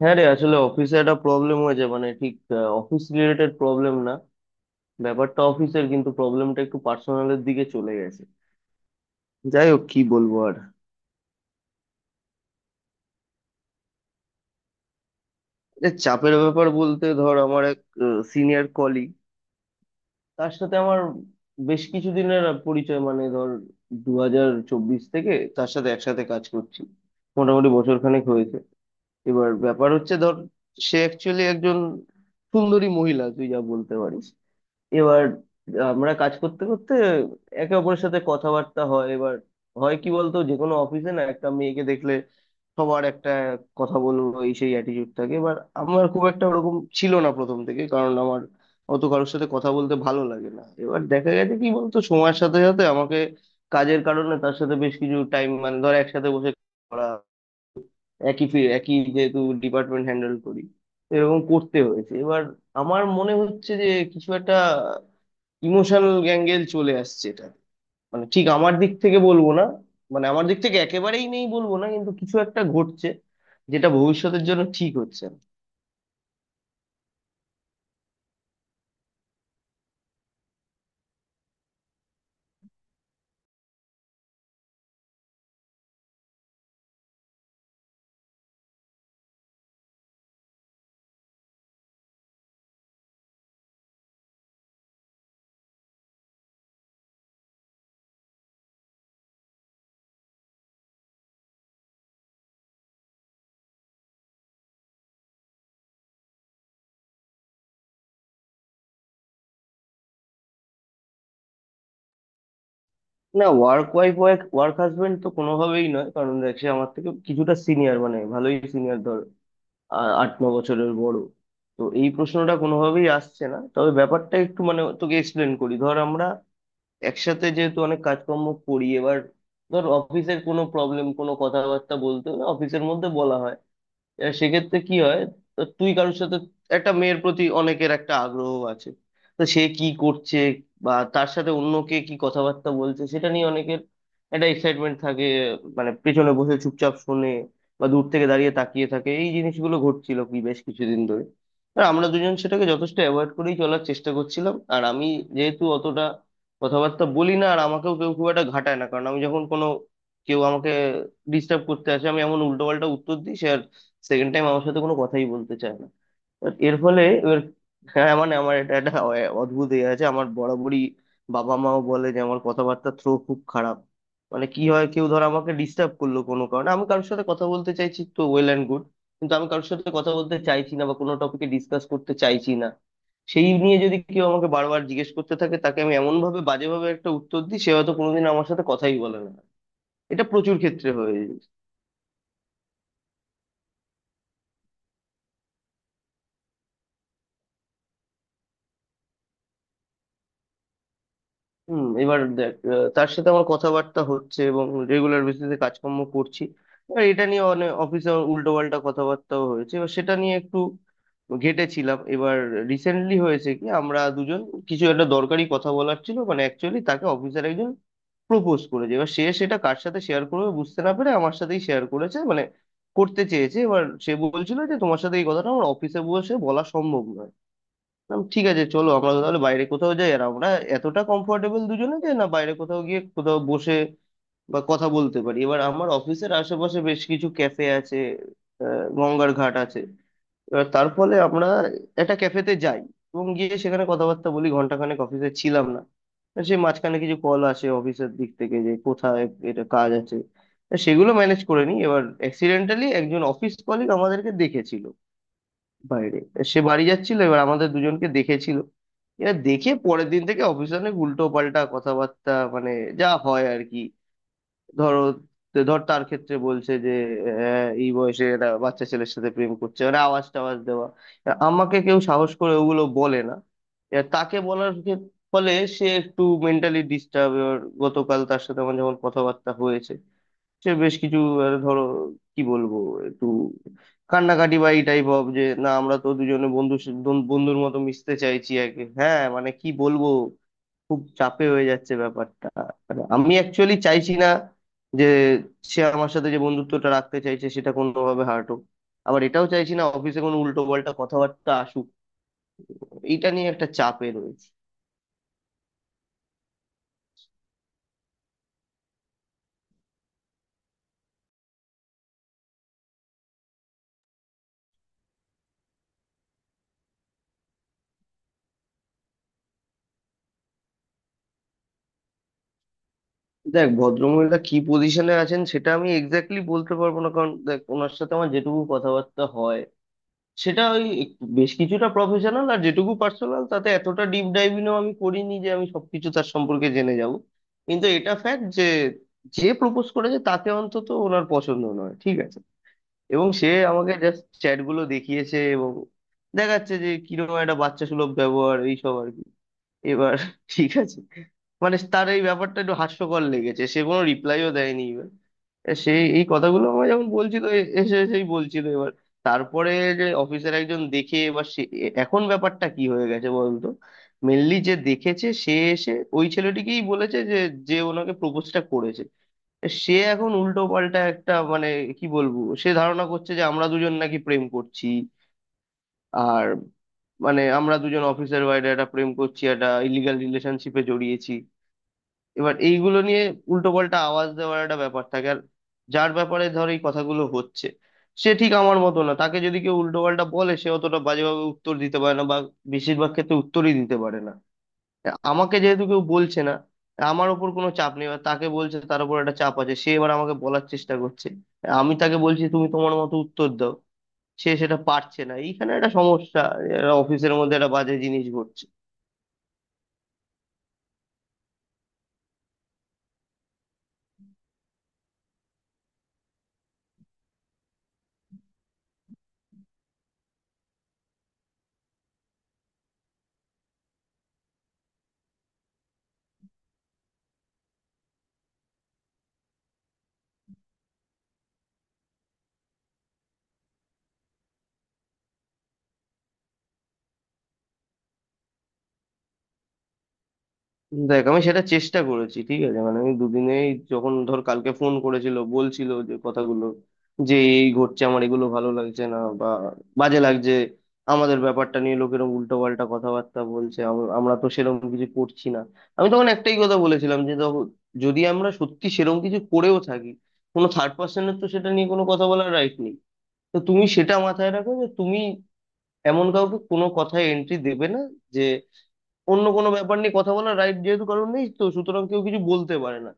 হ্যাঁ রে, আসলে অফিসে একটা প্রবলেম হয়েছে। মানে ঠিক অফিস রিলেটেড প্রবলেম না, ব্যাপারটা অফিসের, কিন্তু প্রবলেমটা একটু পার্সোনালের দিকে চলে গেছে। যাই হোক, কি বলবো আর। এটা চাপের ব্যাপার বলতে ধর, আমার এক সিনিয়র কলিগ, তার সাথে আমার বেশ কিছুদিনের পরিচয়। মানে ধর, 2024 থেকে তার সাথে একসাথে কাজ করছি, মোটামুটি বছরখানেক হয়েছে। এবার ব্যাপার হচ্ছে ধর, সে অ্যাকচুয়ালি একজন সুন্দরী মহিলা, তুই যা বলতে পারিস। এবার আমরা কাজ করতে করতে একে অপরের সাথে কথাবার্তা হয়। এবার হয় কি বলতো, যে কোনো অফিসে না একটা মেয়েকে দেখলে সবার একটা কথা বলবো এই সেই অ্যাটিটিউড থাকে। এবার আমার খুব একটা ওরকম ছিল না প্রথম থেকে, কারণ আমার অত কারোর সাথে কথা বলতে ভালো লাগে না। এবার দেখা গেছে কি বলতো, সময়ের সাথে সাথে আমাকে কাজের কারণে তার সাথে বেশ কিছু টাইম মানে ধর একসাথে বসে করা, একই যেহেতু ডিপার্টমেন্ট হ্যান্ডেল করি, এরকম করতে হয়েছে। এবার আমার মনে হচ্ছে যে কিছু একটা ইমোশনাল অ্যাঙ্গেল চলে আসছে। এটা মানে ঠিক আমার দিক থেকে বলবো না, মানে আমার দিক থেকে একেবারেই নেই বলবো না, কিন্তু কিছু একটা ঘটছে যেটা ভবিষ্যতের জন্য ঠিক হচ্ছে না। না, work wife work work husband তো কোনোভাবেই নয়, কারণ দেখ সে আমার থেকে কিছুটা সিনিয়র, মানে ভালোই সিনিয়র ধর, আট ন বছরের বড়। তো এই প্রশ্নটা কোনোভাবেই আসছে না। তবে ব্যাপারটা একটু মানে তোকে এক্সপ্লেন করি। ধর আমরা একসাথে যেহেতু অনেক কাজকর্ম করি, এবার ধর অফিসের কোনো প্রবলেম কোনো কথাবার্তা বলতে হলে অফিসের মধ্যে বলা হয়। এবার সেক্ষেত্রে কি হয়, তো তুই কারোর সাথে, একটা মেয়ের প্রতি অনেকের একটা আগ্রহ আছে, তো সে কি করছে বা তার সাথে অন্য কে কি কথাবার্তা বলছে সেটা নিয়ে অনেকের একটা এক্সাইটমেন্ট থাকে। মানে পেছনে বসে চুপচাপ শুনে বা দূর থেকে দাঁড়িয়ে তাকিয়ে থাকে। এই জিনিসগুলো ঘটছিল কি বেশ কিছুদিন ধরে, আর আমরা দুজন সেটাকে যথেষ্ট অ্যাভয়েড করেই চলার চেষ্টা করছিলাম। আর আমি যেহেতু অতটা কথাবার্তা বলি না, আর আমাকেও কেউ খুব একটা ঘাটায় না, কারণ আমি যখন কোনো, কেউ আমাকে ডিস্টার্ব করতে আসে আমি এমন উল্টো, সেকেন্ড টাইম আমার সাথে কোনো কথাই বলতে চায় না। But এর ফলে এবার, হ্যাঁ মানে আমার এটা একটা অদ্ভুত ইয়ে আছে আমার বরাবরই। বাবা মাও বলে যে আমার কথাবার্তা থ্রো খুব খারাপ। মানে কি হয়, কেউ ধর আমাকে ডিস্টার্ব করলো কোনো কারণে, আমি কারোর সাথে কথা বলতে চাইছি, তো ওয়েল অ্যান্ড গুড। কিন্তু আমি কারোর সাথে কথা বলতে চাইছি না বা কোনো টপিকে ডিসকাস করতে চাইছি না, সেই নিয়ে যদি কেউ আমাকে বারবার জিজ্ঞেস করতে থাকে, তাকে আমি এমন ভাবে বাজেভাবে একটা উত্তর দিই, সে হয়তো কোনোদিন আমার সাথে কথাই বলে না। এটা প্রচুর ক্ষেত্রে হয়ে যায়। হুম। এবার দেখ, তার সাথে আমার কথাবার্তা হচ্ছে এবং রেগুলার বেসিসে কাজকর্ম করছি। এবার এটা নিয়ে অনেক অফিসে উল্টো পাল্টা কথাবার্তাও হয়েছে, এবার সেটা নিয়ে একটু ঘেঁটেছিলাম। এবার রিসেন্টলি হয়েছে কি, আমরা দুজন কিছু একটা দরকারি কথা বলার ছিল। মানে অ্যাকচুয়ালি তাকে অফিসার একজন প্রপোজ করেছে, এবার সে সেটা কার সাথে শেয়ার করবে বুঝতে না পেরে আমার সাথেই শেয়ার করেছে, মানে করতে চেয়েছে। এবার সে বলছিল যে তোমার সাথে এই কথাটা আমার অফিসে বসে বলা সম্ভব নয়। বললাম, ঠিক আছে, চলো আমরা তাহলে বাইরে কোথাও যাই। আর আমরা এতটা কমফোর্টেবল দুজনে যে না, বাইরে কোথাও গিয়ে কোথাও বসে বা কথা বলতে পারি। এবার আমার অফিসের আশেপাশে বেশ কিছু ক্যাফে আছে, গঙ্গার ঘাট আছে। এবার তার ফলে আমরা একটা ক্যাফেতে যাই এবং গিয়ে সেখানে কথাবার্তা বলি। ঘন্টাখানেক অফিসে ছিলাম না। সে মাঝখানে কিছু কল আসে অফিসের দিক থেকে যে কোথায়, এটা কাজ আছে, তা সেগুলো ম্যানেজ করে নিই। এবার অ্যাক্সিডেন্টালি একজন অফিস কলিগ আমাদেরকে দেখেছিল বাইরে। সে বাড়ি যাচ্ছিল, এবার আমাদের দুজনকে দেখেছিল। এরা দেখে পরের দিন থেকে অফিসে অনেক উল্টো পাল্টা কথাবার্তা, মানে যা হয় আর কি। ধরো, ধর তার ক্ষেত্রে বলছে যে, এই বয়সে একটা বাচ্চা ছেলের সাথে প্রেম করছে, মানে আওয়াজ টাওয়াজ দেওয়া। এবার আমাকে কেউ সাহস করে ওগুলো বলে না, এবার তাকে বলার ফলে সে একটু মেন্টালি ডিস্টার্ব। এবার গতকাল তার সাথে আমার যখন কথাবার্তা হয়েছে, সে বেশ কিছু, ধরো কি বলবো, একটু কান্নাকাটি বা এই টাইপ অফ, যে না আমরা তো দুজনে বন্ধু, বন্ধুর মতো মিশতে চাইছি একে। হ্যাঁ মানে কি বলবো, খুব চাপে হয়ে যাচ্ছে ব্যাপারটা। মানে আমি অ্যাকচুয়ালি চাইছি না যে সে আমার সাথে যে বন্ধুত্বটা রাখতে চাইছে সেটা কোনোভাবে হার্ট হোক, আবার এটাও চাইছি না অফিসে কোনো উল্টো পাল্টা কথাবার্তা আসুক। এইটা নিয়ে একটা চাপে রয়েছে। দেখ, ভদ্রমহিলা কি পজিশনে আছেন সেটা আমি এক্স্যাক্টলি বলতে পারবো না, কারণ দেখ ওনার সাথে আমার যেটুকু কথাবার্তা হয় সেটা ওই একটু বেশ কিছুটা প্রফেশনাল, আর যেটুকু পার্সোনাল তাতে এতটা ডিপ ডাইভিংও আমি করিনি যে আমি সবকিছু তার সম্পর্কে জেনে যাব। কিন্তু এটা ফ্যাক্ট যে, যে প্রপোজ করেছে তাকে অন্তত ওনার পছন্দ নয়, ঠিক আছে। এবং সে আমাকে জাস্ট চ্যাট গুলো দেখিয়েছে এবং দেখাচ্ছে যে কিরকম একটা বাচ্চা সুলভ ব্যবহার, এইসব আর কি। এবার ঠিক আছে, মানে তার এই ব্যাপারটা একটু হাস্যকর লেগেছে, সে কোনো রিপ্লাইও দেয়নি। সেই এই কথাগুলো আমার যখন বলছিল, এসেই বলছিল। এবার তারপরে, যে অফিসার একজন দেখে, এবার সে এখন ব্যাপারটা কি হয়ে গেছে বলতো, মেনলি যে দেখেছে সে এসে ওই ছেলেটিকেই বলেছে যে, যে ওনাকে প্রপোজটা করেছে, সে এখন উল্টো পাল্টা একটা, মানে কি বলবো, সে ধারণা করছে যে আমরা দুজন নাকি প্রেম করছি। আর মানে আমরা দুজন অফিসার ওয়াইড একটা প্রেম করছি, একটা ইলিগাল রিলেশনশিপে জড়িয়েছি। এবার এইগুলো নিয়ে উল্টো পাল্টা আওয়াজ দেওয়ার একটা ব্যাপার থাকে। আর যার ব্যাপারে ধর এই কথাগুলো হচ্ছে, সে ঠিক আমার মতো না। তাকে যদি কেউ উল্টো পাল্টা বলে, সে অতটা বাজেভাবে উত্তর দিতে পারে না, বা বেশিরভাগ ক্ষেত্রে উত্তরই দিতে পারে না। আমাকে যেহেতু কেউ বলছে না, আমার ওপর কোনো চাপ নেই, বা তাকে বলছে তার উপর একটা চাপ আছে, সে এবার আমাকে বলার চেষ্টা করছে। আমি তাকে বলছি তুমি তোমার মতো উত্তর দাও, সে সেটা পারছে না। এইখানে একটা সমস্যা, অফিসের মধ্যে একটা বাজে জিনিস ঘটছে। দেখ, আমি সেটা চেষ্টা করেছি, ঠিক আছে। মানে আমি দুদিনেই, যখন ধর কালকে ফোন করেছিল বলছিল যে কথাগুলো, যে এই ঘটছে, আমার এগুলো ভালো লাগছে না বা বাজে লাগছে, আমাদের ব্যাপারটা নিয়ে লোকেরা উল্টো পাল্টা কথাবার্তা বলছে, আমরা তো সেরকম কিছু করছি না। আমি তখন একটাই কথা বলেছিলাম যে দেখো, যদি আমরা সত্যি সেরকম কিছু করেও থাকি, কোনো থার্ড পার্সনের তো সেটা নিয়ে কোনো কথা বলার রাইট নেই। তো তুমি সেটা মাথায় রাখো যে তুমি এমন কাউকে কোনো কথায় এন্ট্রি দেবে না। অন্য কোনো ব্যাপার নিয়ে কথা বলার রাইট যেহেতু কারণ নেই, তো সুতরাং কেউ কিছু বলতে পারে না।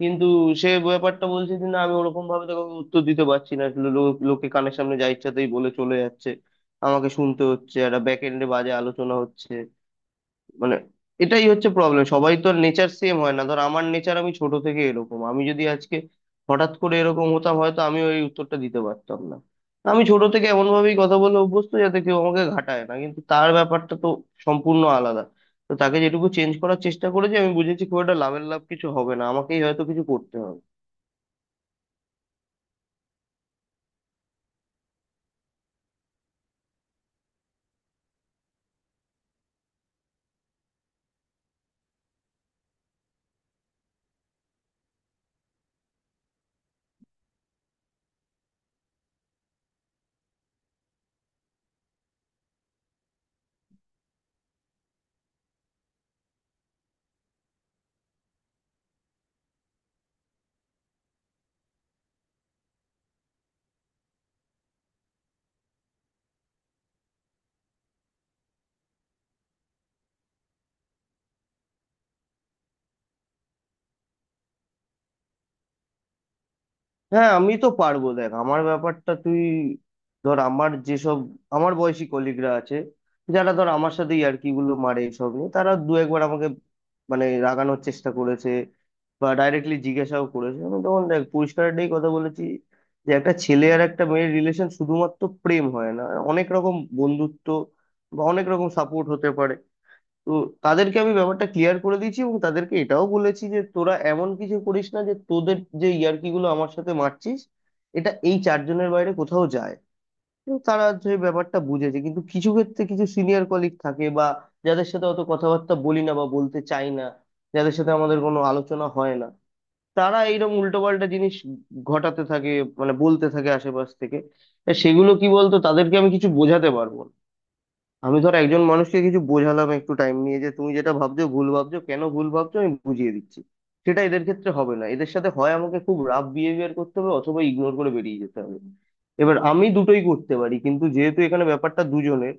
কিন্তু সে ব্যাপারটা বলছে যে না, আমি ওরকম ভাবে তো কাউকে উত্তর দিতে পারছি না, লো- লো- লোকে কানের সামনে যা ইচ্ছাতেই বলে চলে যাচ্ছে, আমাকে শুনতে হচ্ছে, একটা ব্যাক এন্ডে বাজে আলোচনা হচ্ছে। মানে এটাই হচ্ছে প্রবলেম, সবাই তো নেচার সেম হয় না। ধর আমার নেচার, আমি ছোট থেকে এরকম। আমি যদি আজকে হঠাৎ করে এরকম হতাম হয়তো আমি ওই উত্তরটা দিতে পারতাম না। আমি ছোট থেকে এমন ভাবেই কথা বলে অভ্যস্ত যাতে কেউ আমাকে ঘাটায় না, কিন্তু তার ব্যাপারটা তো সম্পূর্ণ আলাদা। তো তাকে যেটুকু চেঞ্জ করার চেষ্টা করেছি আমি বুঝেছি, খুব একটা লাভের লাভ কিছু হবে না, আমাকেই হয়তো কিছু করতে হবে। হ্যাঁ আমি তো পারবো। দেখ আমার ব্যাপারটা তুই, ধর আমার যেসব আমার বয়সী কলিগরা আছে, যারা ধর আমার সাথে ইয়ার্কি গুলো মারে এসব নিয়ে, তারা দু একবার আমাকে মানে রাগানোর চেষ্টা করেছে বা ডাইরেক্টলি জিজ্ঞাসাও করেছে। আমি তখন দেখ পরিষ্কার একটাই কথা বলেছি, যে একটা ছেলে আর একটা মেয়ের রিলেশন শুধুমাত্র প্রেম হয় না, অনেক রকম বন্ধুত্ব বা অনেক রকম সাপোর্ট হতে পারে। তো তাদেরকে আমি ব্যাপারটা ক্লিয়ার করে দিয়েছি এবং তাদেরকে এটাও বলেছি যে তোরা এমন কিছু করিস না যে তোদের যে ইয়ার্কি গুলো আমার সাথে মারছিস এটা এই চারজনের বাইরে কোথাও যায়। কিন্তু তারা যে ব্যাপারটা বুঝেছে, কিন্তু কিছু ক্ষেত্রে কিছু সিনিয়র কলিগ থাকে বা যাদের সাথে অত কথাবার্তা বলি না বা বলতে চাই না, যাদের সাথে আমাদের কোনো আলোচনা হয় না, তারা এইরকম উল্টোপাল্টা জিনিস ঘটাতে থাকে, মানে বলতে থাকে আশেপাশ থেকে। তা সেগুলো কি বলতো, তাদেরকে আমি কিছু বোঝাতে পারবো না। আমি ধর একজন মানুষকে কিছু বোঝালাম একটু টাইম নিয়ে যে তুমি যেটা ভাবছো ভুল ভাবছো, কেন ভুল ভাবছো আমি বুঝিয়ে দিচ্ছি, সেটা এদের ক্ষেত্রে হবে না। এদের সাথে হয় আমাকে খুব রাফ বিহেভিয়ার করতে হবে অথবা ইগনোর করে বেরিয়ে যেতে হবে। এবার আমি দুটোই করতে পারি, কিন্তু যেহেতু এখানে ব্যাপারটা দুজনের,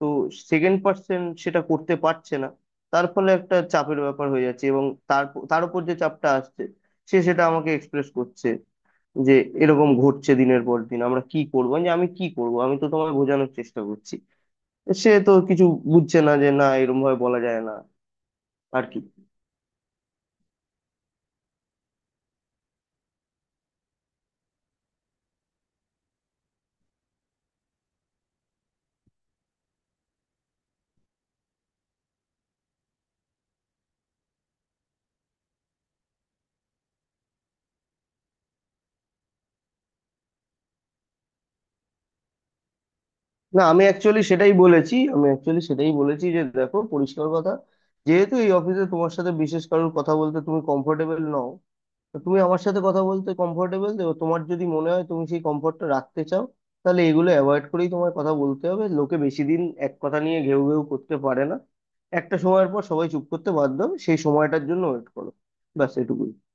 তো সেকেন্ড পার্সন সেটা করতে পারছে না। তার ফলে একটা চাপের ব্যাপার হয়ে যাচ্ছে, এবং তার, তার উপর যে চাপটা আসছে সে সেটা আমাকে এক্সপ্রেস করছে, যে এরকম ঘটছে দিনের পর দিন, আমরা কি করবো, আমি যে আমি কি করবো, আমি তো তোমায় বোঝানোর চেষ্টা করছি। সে তো কিছু বুঝছে না যে না, এরকম ভাবে বলা যায় না, আর কি। না আমি অ্যাকচুয়ালি সেটাই বলেছি, আমি অ্যাকচুয়ালি সেটাই বলেছি, যে দেখো পরিষ্কার কথা, যেহেতু এই অফিসে তোমার সাথে বিশেষ কারোর কথা বলতে তুমি কমফোর্টেবল নও, তো তুমি আমার সাথে কথা বলতে কমফোর্টেবল, তোমার যদি মনে হয় তুমি সেই কমফোর্টটা রাখতে চাও, তাহলে এগুলো অ্যাভয়েড করেই তোমার কথা বলতে হবে। লোকে বেশি দিন এক কথা নিয়ে ঘেউ ঘেউ করতে পারে না, একটা সময়ের পর সবাই চুপ করতে বাধ্য হবে, সেই সময়টার জন্য ওয়েট করো। ব্যাস এটুকুই।